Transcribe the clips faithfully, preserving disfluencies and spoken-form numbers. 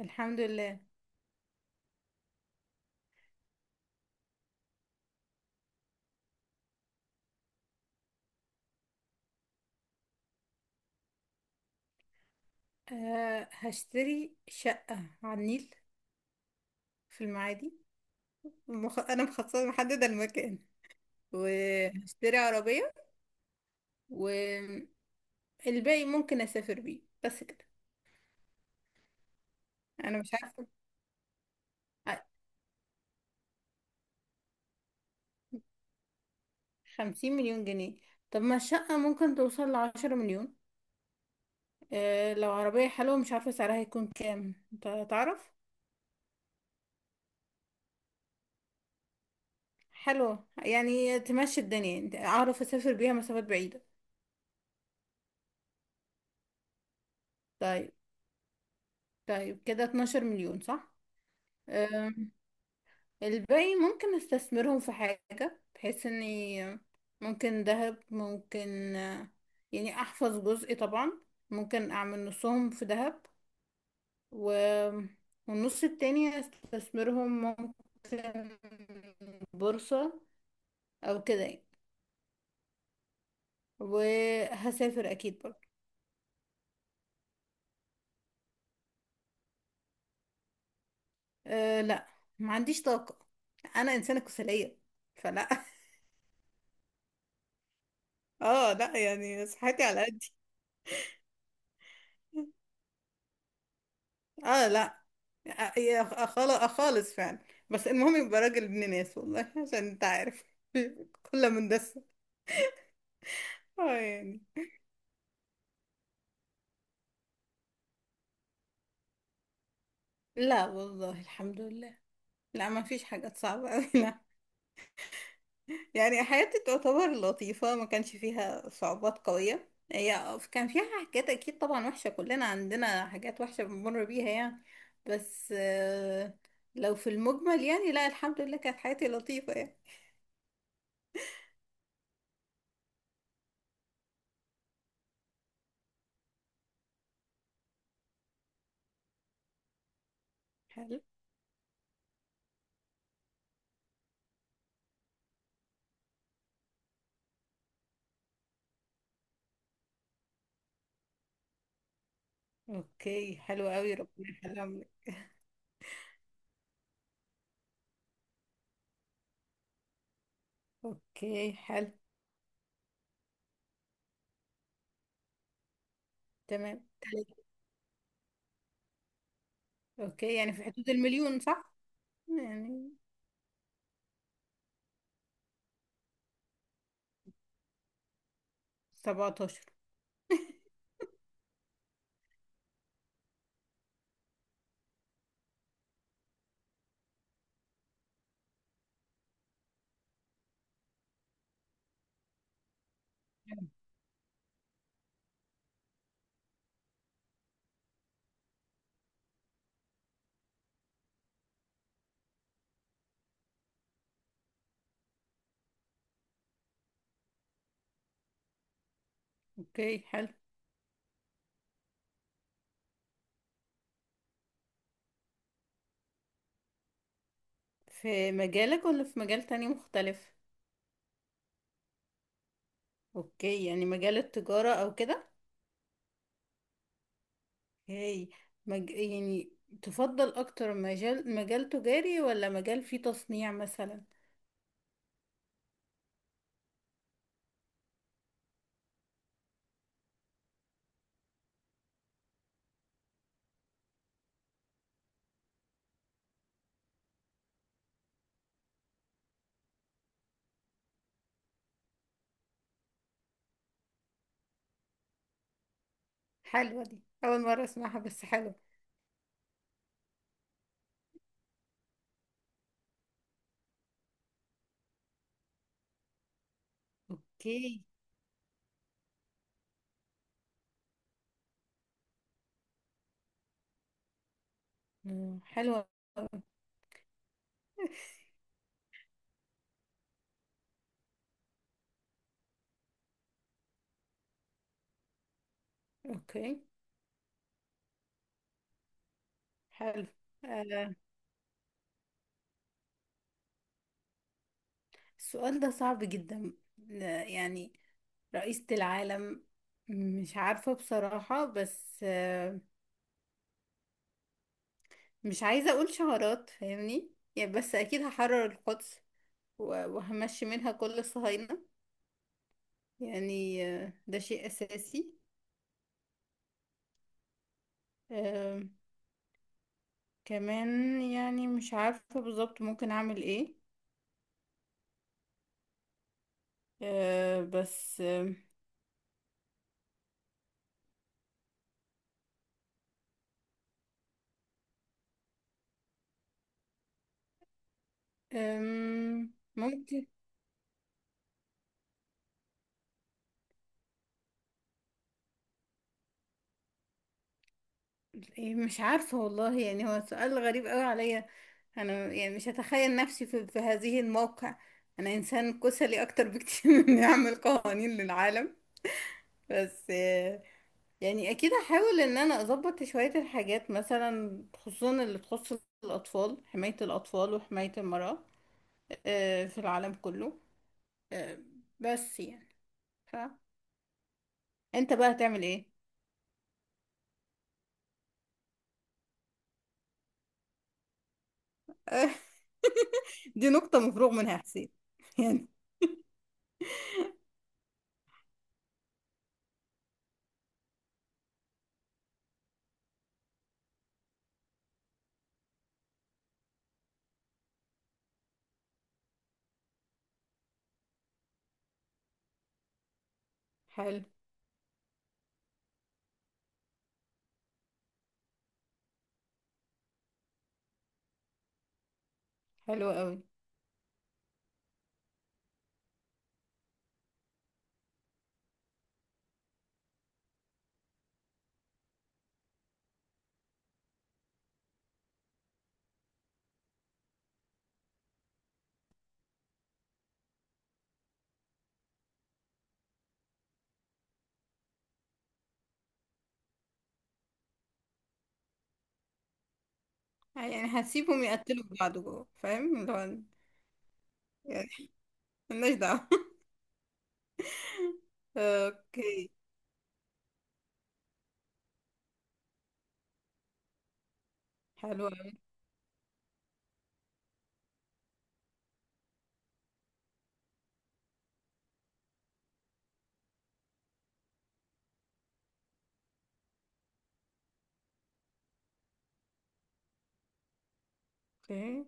الحمد لله. أه هشتري شقة على النيل في المعادي. مخ... أنا مخصصة محددة المكان، وهشتري عربية، والباقي ممكن أسافر بيه، بس كده. أنا مش عارفة. ع- خمسين مليون جنيه. طب ما الشقة ممكن توصل لعشرة مليون. أه لو عربية حلوة، مش عارفة سعرها هيكون كام، أنت تعرف. حلوة يعني تمشي الدنيا، أنت أعرف أسافر بيها مسافات بعيدة. طيب. طيب كده اتناشر مليون، صح؟ الباقي ممكن استثمرهم في حاجة، بحيث اني ممكن ذهب، ممكن آه، يعني احفظ جزء طبعا. ممكن اعمل نصهم في ذهب، و... والنص التاني استثمرهم، ممكن بورصة او كده يعني. وهسافر اكيد برضه. أه لا، ما عنديش طاقة، انا انسانة كسلية، فلا. اه لا، يعني صحتي على قدي. اه لا، ع- يا خالص خالص فعلا. بس المهم يبقى راجل ابن ناس، والله، عشان انت عارف. كلها مندسة. اه يعني. لا والله، الحمد لله. لا، ما فيش حاجات صعبة أوي. لا، يعني حياتي تعتبر لطيفة، ما كانش فيها صعوبات قوية، هي كان فيها حاجات أكيد طبعا وحشة، كلنا عندنا حاجات وحشة بنمر بيها يعني. بس آه، لو في المجمل يعني، لا الحمد لله، كانت حياتي لطيفة يعني. حلو. اوكي، حلو قوي، ربنا يخليهم لك. اوكي حلو. تمام تلاتة. اوكي، يعني في حدود المليون، صح؟ يعني سبعتاشر. اوكي حلو. في مجالك ولا في مجال تاني مختلف؟ اوكي يعني مجال التجارة او كده. اوكي. مج... يعني تفضل اكتر مجال، مجال تجاري ولا مجال فيه تصنيع مثلا؟ حلوة دي، اول مرة اسمعها، بس حلو. اوكي. مم، حلوة. اوكي حلو. آه. السؤال ده صعب جدا. آه، يعني رئيسة العالم، مش عارفة بصراحة، بس آه، مش عايزة أقول شعارات، فاهمني يعني. بس أكيد هحرر القدس، و- وهمشي منها كل الصهاينة. يعني آه، ده شيء أساسي. آه، كمان يعني مش عارفة بالظبط ممكن أعمل إيه. آه، بس آه، آم، ممكن إيه، مش عارفة والله، يعني هو سؤال غريب قوي عليا. انا يعني مش هتخيل نفسي في, في هذه الموقع. انا انسان كسلي اكتر بكتير من اني اعمل قوانين للعالم. بس آه، يعني اكيد هحاول ان انا اظبط شوية الحاجات، مثلا خصوصا اللي تخص الاطفال، حماية الاطفال وحماية المرأة آه، في العالم كله. آه، بس يعني، ف انت بقى هتعمل ايه؟ دي نقطة مفروغ منها يا حسين. يعني. حلو. حلو قوي. يعني هسيبهم يقتلوا في بعض جوه، فاهم اللي هو يعني. مالناش دعوة. اوكي حلو أوي. اوكي.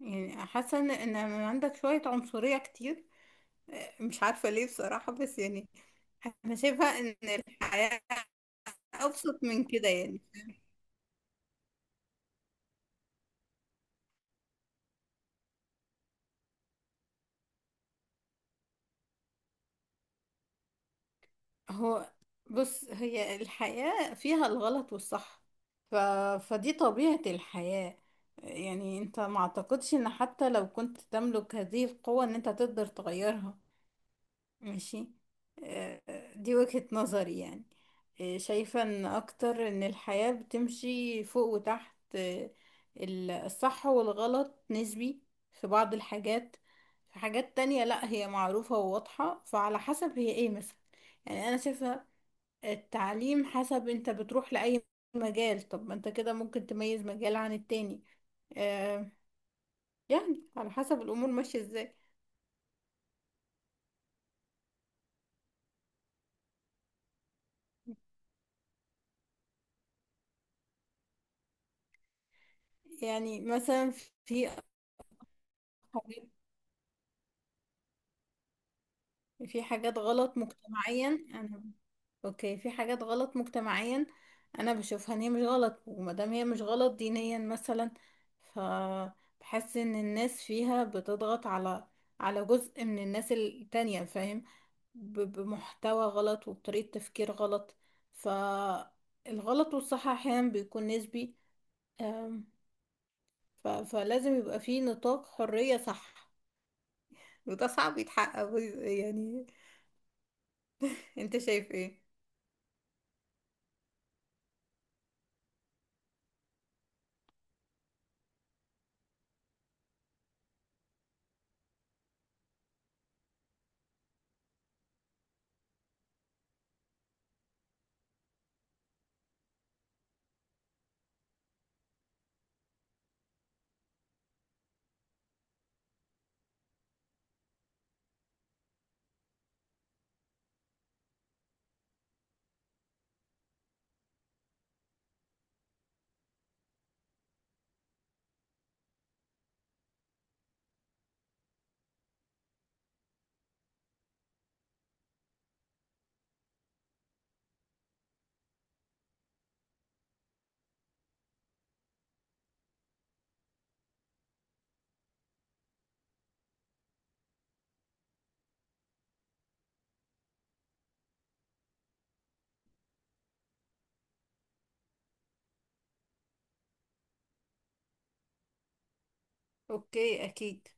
يعني حاسة ان إن عندك شوية عنصرية كتير، آه، مش عارفة ليه بصراحة، بس يعني انا شايفة ان الحياة ابسط من كده يعني. هو بص، هي الحياة فيها الغلط والصح، ف... فدي طبيعة الحياة. يعني انت، ما اعتقدش ان حتى لو كنت تملك هذه القوة ان انت تقدر تغيرها. ماشي. آه، دي وجهة نظري يعني. آه، شايفة ان اكتر ان الحياة بتمشي فوق وتحت. آه، ال- الصح والغلط نسبي في بعض الحاجات. في حاجات تانية لا، هي معروفة وواضحة، فعلى حسب هي ايه مثلا. يعني انا شايفة التعليم حسب انت بتروح لأي مجال، طب ما انت كده ممكن تميز مجال عن التاني. آه، يعني على حسب الامور ماشية ازاي. يعني مثلا، في في حاجات غلط مجتمعيا، انا اوكي في حاجات غلط مجتمعيا انا بشوفها ان هي مش غلط، ومادام هي مش غلط دينيا مثلا، ف بحس ان الناس فيها بتضغط على على جزء من الناس التانية، فاهم؟ ب- بمحتوى غلط وبطريقة تفكير غلط. فالغلط والصح احيانا بيكون نسبي. أم، ف... فلازم يبقى في نطاق حرية، صح؟ وده صعب يتحقق يعني. انت شايف ايه؟ اوكي اكيد.